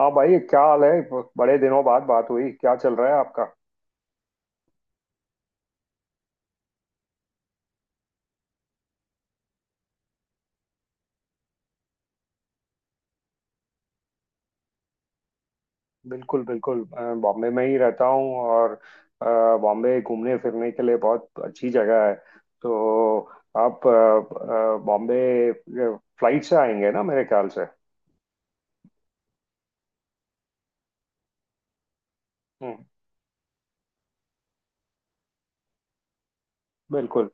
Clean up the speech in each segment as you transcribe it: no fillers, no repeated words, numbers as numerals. हाँ भाई, क्या हाल है। बड़े दिनों बाद बात हुई। क्या चल रहा है आपका। बिल्कुल बिल्कुल, बॉम्बे में ही रहता हूँ। और अ, बॉम्बे घूमने फिरने के लिए बहुत अच्छी जगह है। तो आप बॉम्बे फ्लाइट से आएंगे ना मेरे ख्याल से। हम्म। बिल्कुल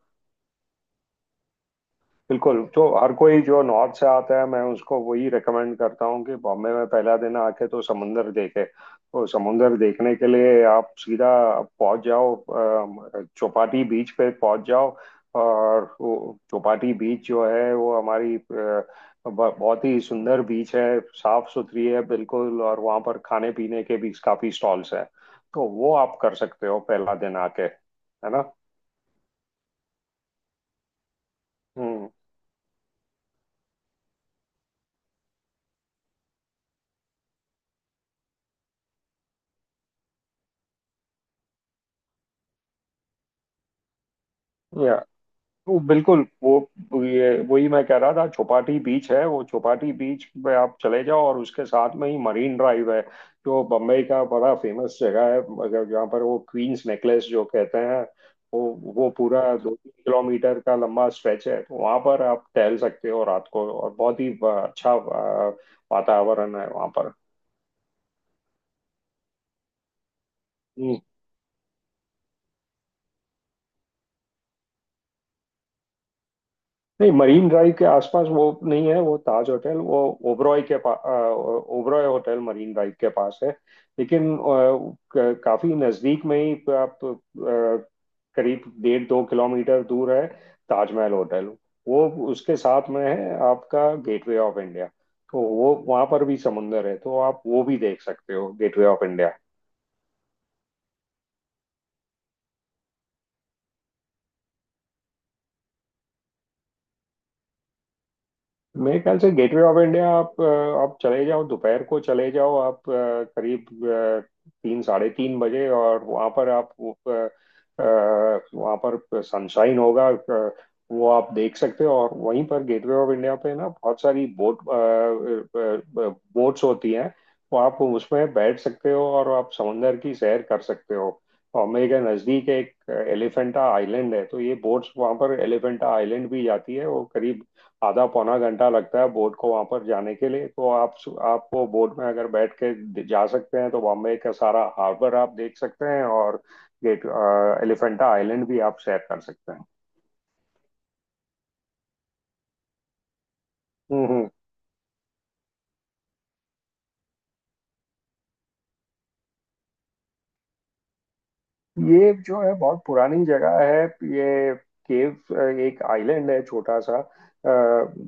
बिल्कुल। तो हर कोई जो नॉर्थ से आता है, मैं उसको वही रेकमेंड करता हूँ कि बॉम्बे में पहला दिन आके तो समुंदर देखे। तो समुंदर देखने के लिए आप सीधा पहुंच जाओ, चौपाटी बीच पे पहुंच जाओ। और वो चौपाटी बीच जो है, वो हमारी बहुत ही सुंदर बीच है, साफ सुथरी है बिल्कुल। और वहाँ पर खाने पीने के भी काफी स्टॉल्स हैं। तो वो आप कर सकते हो पहला दिन आके, है ना। हम्म। वो बिल्कुल, वो ये वही मैं कह रहा था, चौपाटी बीच है। वो चौपाटी बीच पे आप चले जाओ और उसके साथ में ही मरीन ड्राइव है। जो बम्बई का बड़ा फेमस जगह है। अगर जहाँ पर वो क्वींस नेकलेस जो कहते हैं। वो वो पूरा 2-3 किलोमीटर का लंबा स्ट्रेच है। तो वहाँ पर आप टहल सकते हो रात को और बहुत ही अच्छा वातावरण है वहाँ पर। हम्म। नहीं मरीन ड्राइव के आसपास वो नहीं है, वो ताज होटल। वो ओबरॉय के पास, ओबरॉय होटल मरीन ड्राइव के पास है। लेकिन काफी नजदीक में ही आप करीब 1.5-2 किलोमीटर दूर है ताजमहल होटल। वो उसके साथ में है आपका गेटवे ऑफ इंडिया। तो वो वहां पर भी समुंदर है, तो आप वो भी देख सकते हो, गेटवे ऑफ इंडिया। मेरे ख्याल से गेटवे ऑफ इंडिया आप आप चले जाओ, दोपहर को चले जाओ आप करीब तीन साढ़े तीन बजे। और वहाँ पर आप वहाँ पर सनशाइन होगा। वो आप देख सकते हो। और वहीं पर गेटवे ऑफ इंडिया पे ना बहुत सारी बोट्स होती हैं। तो आप उसमें बैठ सकते हो और आप समंदर की सैर कर सकते हो। और मेरे के नज़दीक एक एलिफेंटा आइलैंड है। तो ये बोट्स वहाँ पर एलिफेंटा आइलैंड भी जाती है। वो करीब आधा पौना घंटा लगता है बोट को वहां पर जाने के लिए। तो आप वो बोट में अगर बैठ के जा सकते हैं तो बॉम्बे का सारा हार्बर आप देख सकते हैं। और गेट एलिफेंटा आइलैंड भी आप सैर कर सकते हैं। हम्म, हम्म। ये जो है बहुत पुरानी जगह है। ये केव एक आइलैंड है, छोटा सा,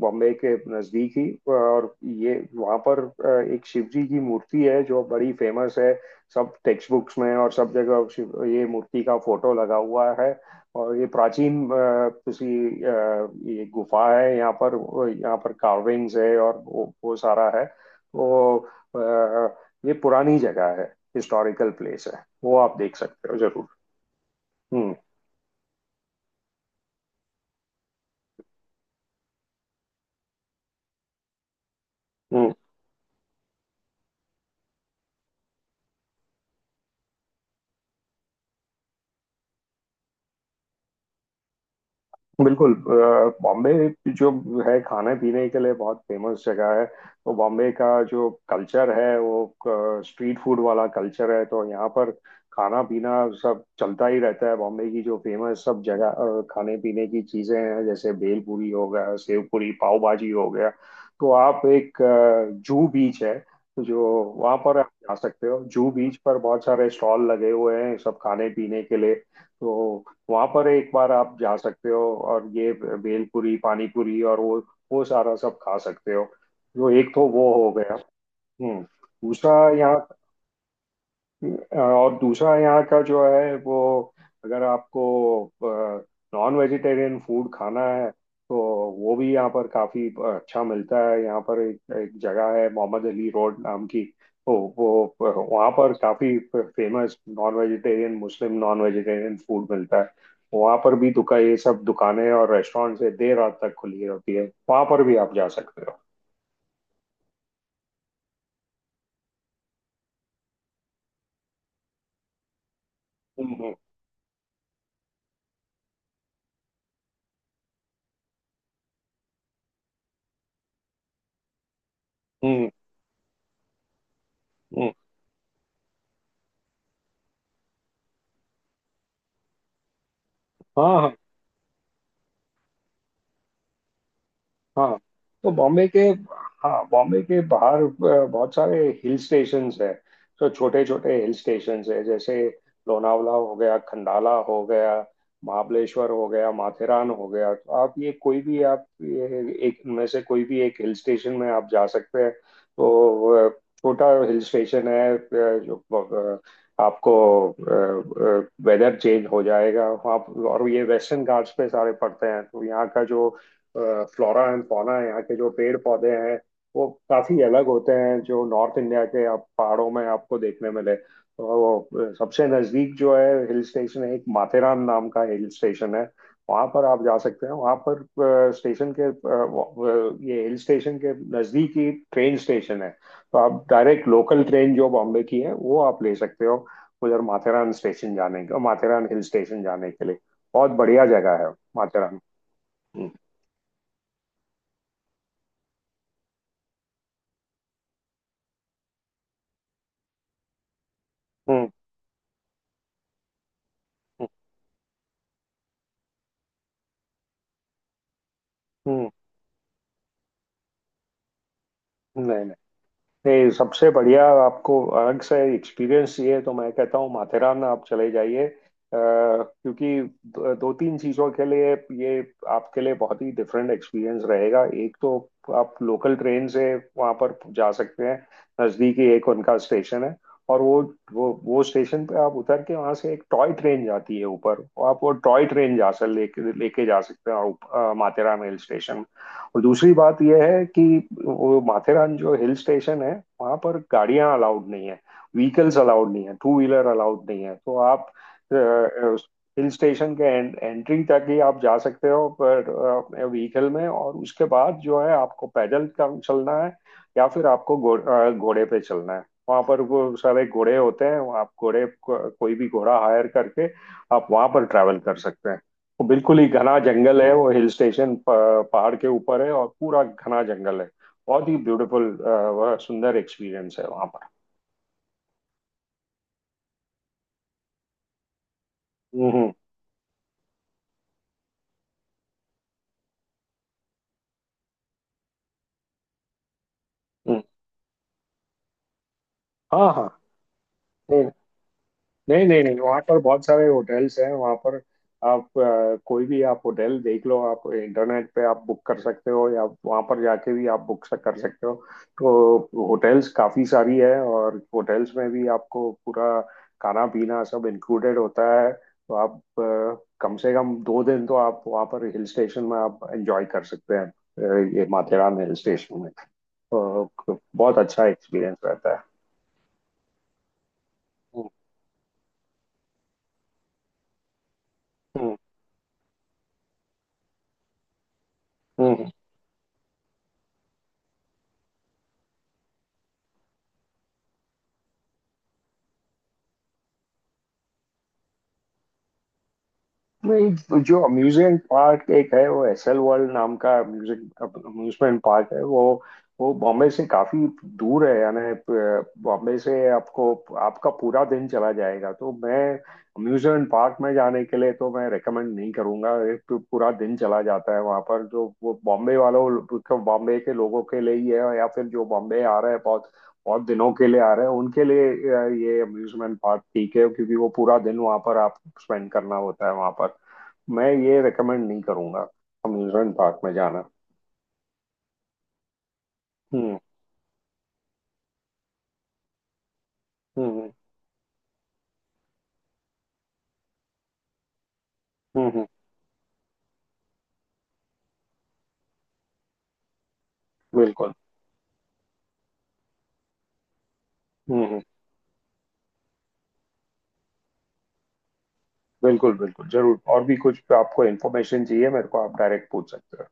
बॉम्बे के नजदीक ही। और ये वहाँ पर एक शिव जी की मूर्ति है जो बड़ी फेमस है। सब टेक्स्ट बुक्स में और सब जगह शिव ये मूर्ति का फोटो लगा हुआ है। और ये प्राचीन अ, ये गुफा है यहाँ पर। यहाँ पर कार्विंग्स है और वो सारा है। तो अ, ये पुरानी जगह है, हिस्टोरिकल प्लेस है, वो आप देख सकते हो जरूर। हम्म, हम्म। बिल्कुल। बॉम्बे जो है खाने पीने के लिए बहुत फेमस जगह है। तो बॉम्बे का जो कल्चर है वो स्ट्रीट फूड वाला कल्चर है। तो यहाँ पर खाना पीना सब चलता ही रहता है। बॉम्बे की जो फेमस सब जगह खाने पीने की चीज़ें हैं, जैसे भेल पूरी हो गया, सेव पूरी, पाव भाजी हो गया। तो आप एक जू बीच है जो, वहाँ पर आप जा सकते हो। जू बीच पर बहुत सारे स्टॉल लगे हुए हैं, सब खाने पीने के लिए। तो वहां पर एक बार आप जा सकते हो। और ये भेलपुरी, पानीपुरी और वो सारा सब खा सकते हो। जो एक तो वो हो गया। हम्म। दूसरा यहाँ और दूसरा यहाँ का जो है वो, अगर आपको नॉन वेजिटेरियन फूड खाना है, तो वो भी यहाँ पर काफी अच्छा मिलता है। यहाँ पर एक जगह है मोहम्मद अली रोड नाम की। तो वो वहाँ पर काफी famous non vegetarian, Muslim non vegetarian food मिलता है। वहाँ पर भी दुकान, ये सब दुकानें और रेस्टोरेंट से देर रात तक खुली रहती है। वहाँ पर भी आप जा सकते हो। हम्म, हम्म। हम्म, हम्म। हाँ हाँ। हाँ, तो बॉम्बे के, हाँ, बॉम्बे के बाहर बहुत सारे हिल स्टेशंस हैं। तो छोटे छोटे हिल स्टेशंस हैं, जैसे लोनावला हो गया, खंडाला हो गया, महाबलेश्वर हो गया, माथेरान हो गया। तो आप ये कोई भी, आप ये एक इनमें से कोई भी एक हिल स्टेशन में आप जा सकते हैं। तो छोटा हिल स्टेशन है, जो अ, आपको वेदर चेंज हो जाएगा वहाँ। और ये वेस्टर्न घाट्स पे सारे पड़ते हैं। तो यहाँ का जो फ्लोरा एंड फौना है, यहाँ के जो पेड़ पौधे हैं, वो काफी अलग होते हैं जो नॉर्थ इंडिया के आप पहाड़ों में आपको देखने मिले। तो वो सबसे नजदीक जो है हिल स्टेशन है, एक माथेरान नाम का हिल स्टेशन है। वहां पर आप जा सकते हैं। वहां पर स्टेशन के ये हिल स्टेशन के नजदीक ही ट्रेन स्टेशन है। तो आप डायरेक्ट लोकल ट्रेन जो बॉम्बे की है वो आप ले सकते हो, उधर माथेरान हिल स्टेशन जाने के लिए। बहुत बढ़िया जगह है, माथेरान। हम्म, हम्म, हम्म। नहीं नहीं नहीं, सबसे बढ़िया, आपको अलग से एक्सपीरियंस चाहिए तो मैं कहता हूँ माथेरान आप चले जाइए, क्योंकि दो दो तीन चीज़ों के लिए ये आपके लिए बहुत ही डिफरेंट एक्सपीरियंस रहेगा। एक तो आप लोकल ट्रेन से वहाँ पर जा सकते हैं, नज़दीकी एक उनका स्टेशन है। और वो स्टेशन पे आप उतर के वहाँ से एक टॉय ट्रेन जाती है ऊपर। और आप वो टॉय ट्रेन जा सक लेके लेके जा सकते हैं आप, माथेरान हिल स्टेशन। और दूसरी बात यह है कि वो माथेरान जो हिल स्टेशन है, वहां पर गाड़ियां अलाउड नहीं है, व्हीकल्स अलाउड नहीं है, टू व्हीलर अलाउड नहीं है। तो आप हिल स्टेशन के एंट्री तक ही आप जा सकते हो पर व्हीकल में। और उसके बाद जो है आपको पैदल चलना है, या फिर आपको घोड़े पे चलना है। वहां पर वो सारे घोड़े होते हैं। आप कोई भी घोड़ा हायर करके आप वहां पर ट्रैवल कर सकते हैं। वो बिल्कुल ही घना जंगल है। वो हिल स्टेशन पहाड़ के ऊपर है और पूरा घना जंगल है। बहुत ही ब्यूटीफुल, वह सुंदर एक्सपीरियंस है वहां पर। हम्म, हम्म। हम्म। हाँ हाँ। नहीं नहीं नहीं, वहाँ पर बहुत सारे होटल्स हैं। वहाँ पर आप कोई भी आप होटल देख लो। आप इंटरनेट पे आप बुक कर सकते हो, या वहाँ पर जाके भी आप बुक कर सकते हो। तो होटल्स काफ़ी सारी है, और होटल्स में भी आपको पूरा खाना पीना सब इंक्लूडेड होता है। तो आप कम से कम 2 दिन तो आप वहाँ पर हिल स्टेशन में आप एंजॉय कर सकते हैं, ये माथेरान हिल स्टेशन में। तो बहुत अच्छा एक्सपीरियंस रहता है। हम्म, हम्म। हम्म। नहीं, तो जो अम्यूजमेंट पार्क एक है वो एसएल वर्ल्ड नाम का म्यूजिक अम्यूजमेंट पार्क है। वो बॉम्बे से काफी दूर है। यानी बॉम्बे से आपको, आपका पूरा दिन चला जाएगा। तो मैं अम्यूजमेंट पार्क में जाने के लिए तो मैं रेकमेंड नहीं करूंगा। एक तो पूरा दिन चला जाता है वहां पर, जो वो बॉम्बे के लोगों के लिए ही है, या फिर जो बॉम्बे आ रहे हैं बहुत बहुत दिनों के लिए आ रहे हैं उनके लिए ये अम्यूजमेंट पार्क ठीक है, क्योंकि वो पूरा दिन वहां पर आप स्पेंड करना होता है वहां पर। मैं ये रेकमेंड नहीं करूंगा, अम्यूजमेंट पार्क में जाना। हम्म, हम्म। हम्म, हम्म। बिल्कुल। हम्म, हम्म। बिल्कुल बिल्कुल जरूर। और भी कुछ आपको इन्फॉर्मेशन चाहिए, मेरे को आप डायरेक्ट पूछ सकते हो।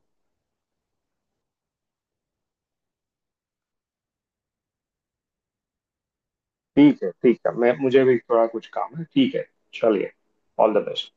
ठीक है ठीक है। मैं मुझे भी थोड़ा कुछ काम है। ठीक है, चलिए। All the best.